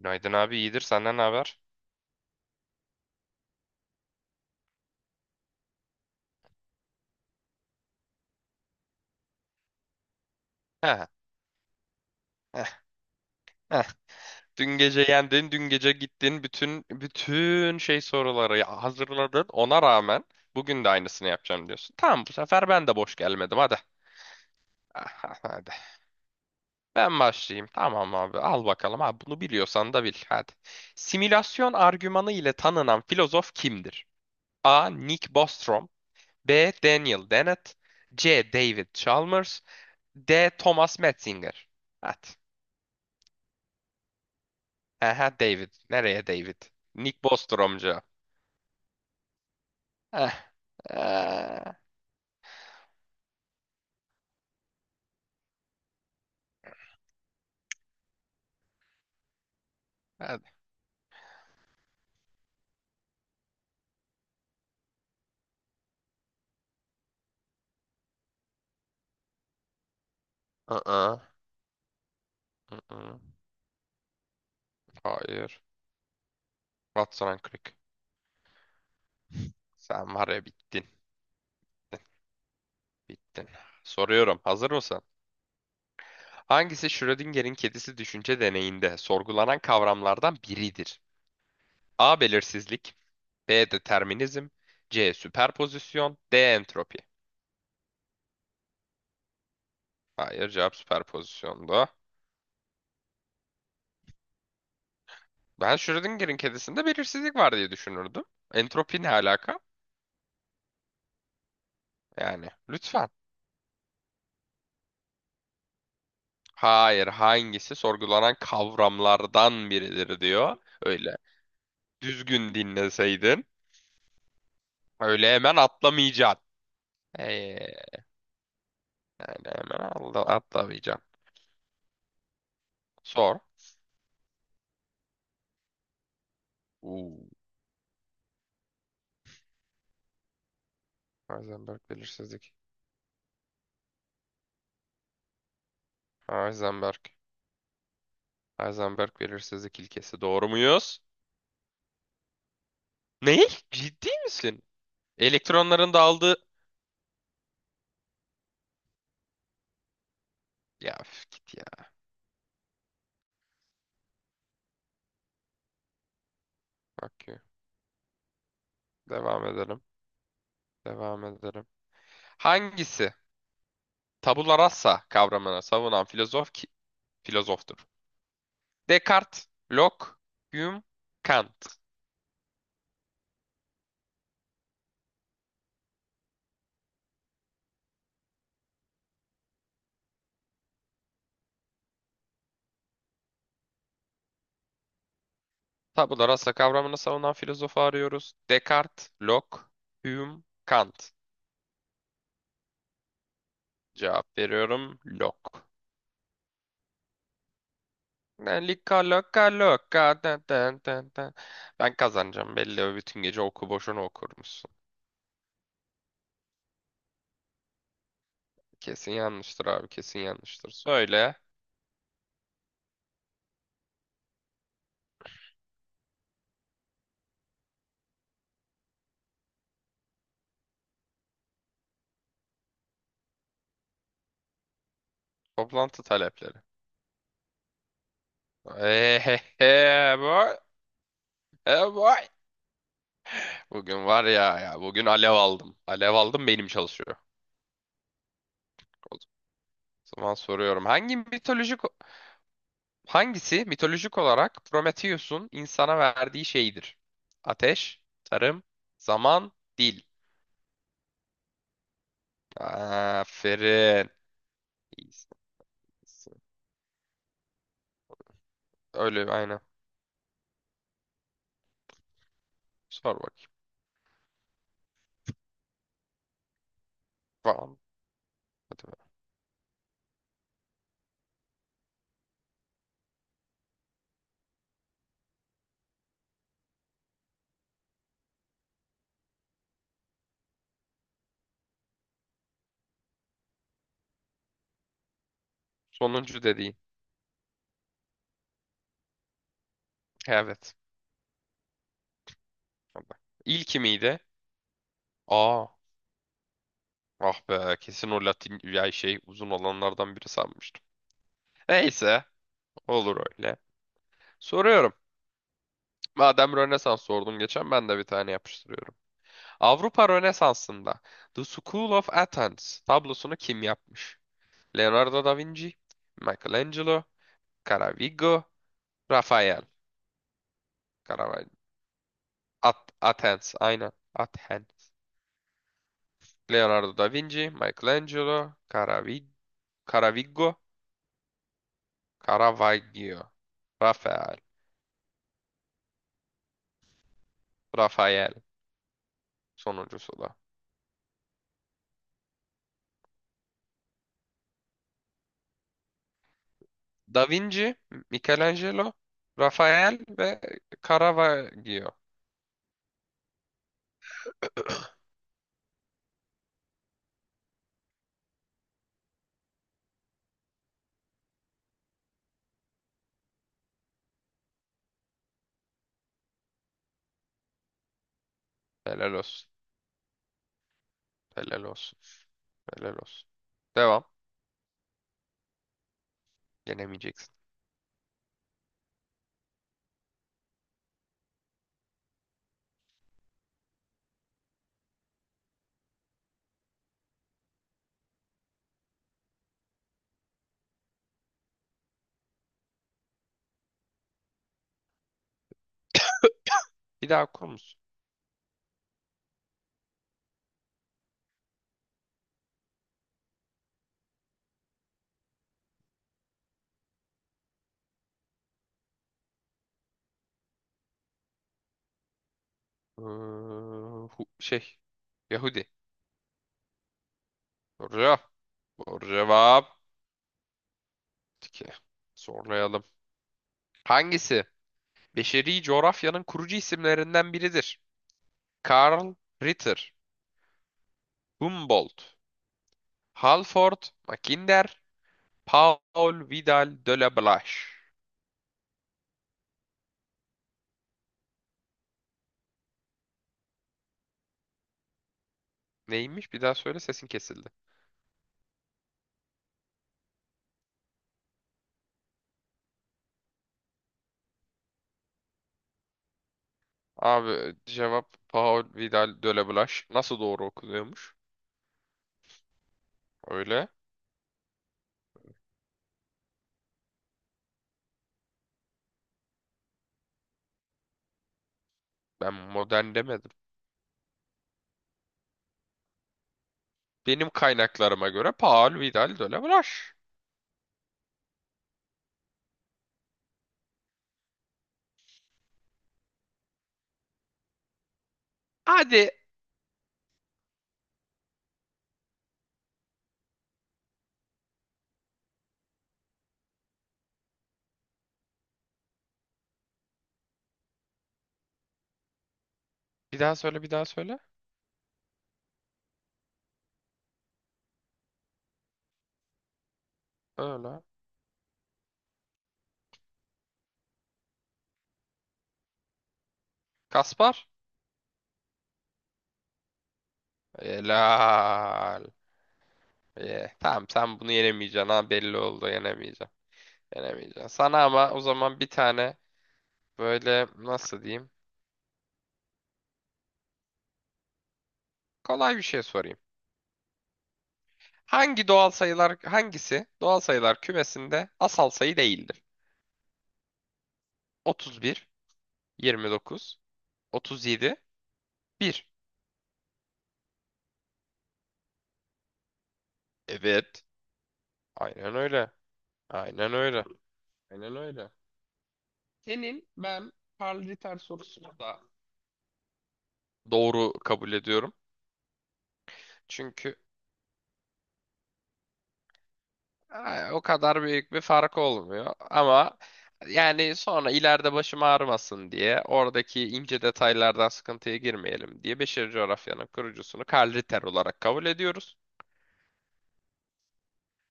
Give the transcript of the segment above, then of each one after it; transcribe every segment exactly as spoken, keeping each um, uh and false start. Günaydın abi, iyidir, senden ne haber? Heh, heh, heh. Dün gece yendin, dün gece gittin, bütün bütün şey soruları ya- hazırladın. Ona rağmen bugün de aynısını yapacağım diyorsun. Tamam, bu sefer ben de boş gelmedim, hadi. Ah, ah, Hadi. Ben başlayayım. Tamam abi, al bakalım. Abi, bunu biliyorsan da bil. Hadi. Simülasyon argümanı ile tanınan filozof kimdir? A. Nick Bostrom, B. Daniel Dennett, C. David Chalmers, D. Thomas Metzinger. Hadi. Aha, David. Nereye David? Nick Bostromcu. Eh. Eh. Hadi. Aa. Aa. Hayır. Watson and Crick. Sen var ya, bittin. Bittin. Soruyorum. Hazır mısın? Hangisi Schrödinger'in kedisi düşünce deneyinde sorgulanan kavramlardan biridir? A. Belirsizlik. B. Determinizm. C. Süperpozisyon. D. Entropi. Hayır, cevap süperpozisyondu. Ben Schrödinger'in kedisinde belirsizlik var diye düşünürdüm. Entropi ne alaka? Yani lütfen. Hayır, hangisi sorgulanan kavramlardan biridir diyor. Öyle. Düzgün dinleseydin. Öyle hemen atlamayacaksın. Ee, Yani hemen atla, atlamayacaksın. Sor. Uuu. Heisenberg belirsizlik. Heisenberg. Heisenberg belirsizlik ilkesi. Doğru muyuz? Ne? Ciddi misin? Elektronların dağıldığı... Ya üf, git ya. Bak, devam edelim. Devam edelim. Hangisi? Tabula rasa kavramını savunan filozof ki- filozoftur. Descartes, Locke, Hume, Kant. Tabula rasa kavramını savunan filozofu arıyoruz. Descartes, Locke, Hume, Kant. Cevap veriyorum, Locke. Lika loka loka da da da da. Ben kazanacağım belli, bütün gece oku, boşuna okurmuşsun. Kesin yanlıştır abi, kesin yanlıştır. Söyle toplantı talepleri. Ehehe boy. E boy. Bugün var ya, ya bugün alev aldım. Alev aldım, benim çalışıyor. O O zaman soruyorum. Hangi mitolojik hangisi mitolojik olarak Prometheus'un insana verdiği şeydir? Ateş, tarım, zaman, dil. Aferin. İyisin, iyisin. Öyle, aynen. Sor bakayım. Tamam. Hadi be. Sonuncu dediğin. Evet. Hadi. İlki miydi? Aa. Ah be. Kesin o Latin ya şey uzun olanlardan biri sanmıştım. Neyse. Olur öyle. Soruyorum. Madem Rönesans sordun geçen, ben de bir tane yapıştırıyorum. Avrupa Rönesansı'nda The School of Athens tablosunu kim yapmış? Leonardo da Vinci, Michelangelo, Caravaggio, Rafael. Caravaggio. At Athens, aynen. Athens. Leonardo da Vinci, Michelangelo, Caravi Caravaggio, Caravaggio, Rafael. Rafael sonuncusu da. Da Vinci, Michelangelo, Rafael ve Caravaggio. Helal olsun. Helal olsun. Helal olsun. Devam. Yenemeyeceksin. Bir daha okur musun? Ee, hu- Şey. Yahudi. Doğru. Doğru cevap. Peki. Zorlayalım. Hangisi? Beşeri coğrafyanın kurucu isimlerinden biridir. Karl Ritter, Humboldt, Halford, Mackinder, Paul Vidal de la Blache. Neymiş? Bir daha söyle, sesin kesildi. Abi, cevap Paul Vidal de la Blache. Nasıl doğru okunuyormuş? Öyle. Ben modern demedim. Benim kaynaklarıma göre Paul Vidal de Blas. Hadi. Bir daha söyle, bir daha söyle. Öyle. Kaspar. Helal. Ye. Tamam, sen bunu yenemeyeceksin ha, belli oldu, yenemeyeceksin. Yenemeyeceksin. Sana ama o zaman bir tane böyle, nasıl diyeyim? Kolay bir şey sorayım. Hangi doğal sayılar hangisi doğal sayılar kümesinde asal sayı değildir? otuz bir, yirmi dokuz, otuz yedi, bir. Evet. Aynen öyle. Aynen öyle. Aynen öyle. Senin ben paraliter sorusunu da doğru kabul ediyorum. Çünkü e, o kadar büyük bir fark olmuyor. Ama yani sonra ileride başım ağrımasın diye, oradaki ince detaylardan sıkıntıya girmeyelim diye Beşeri Coğrafya'nın kurucusunu Karl Ritter olarak kabul ediyoruz.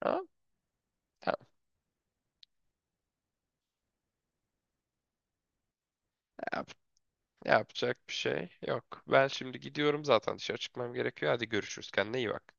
Ha? Tamam. Yap- Yapacak bir şey yok. Ben şimdi gidiyorum, zaten dışarı çıkmam gerekiyor. Hadi görüşürüz. Kendine iyi bak.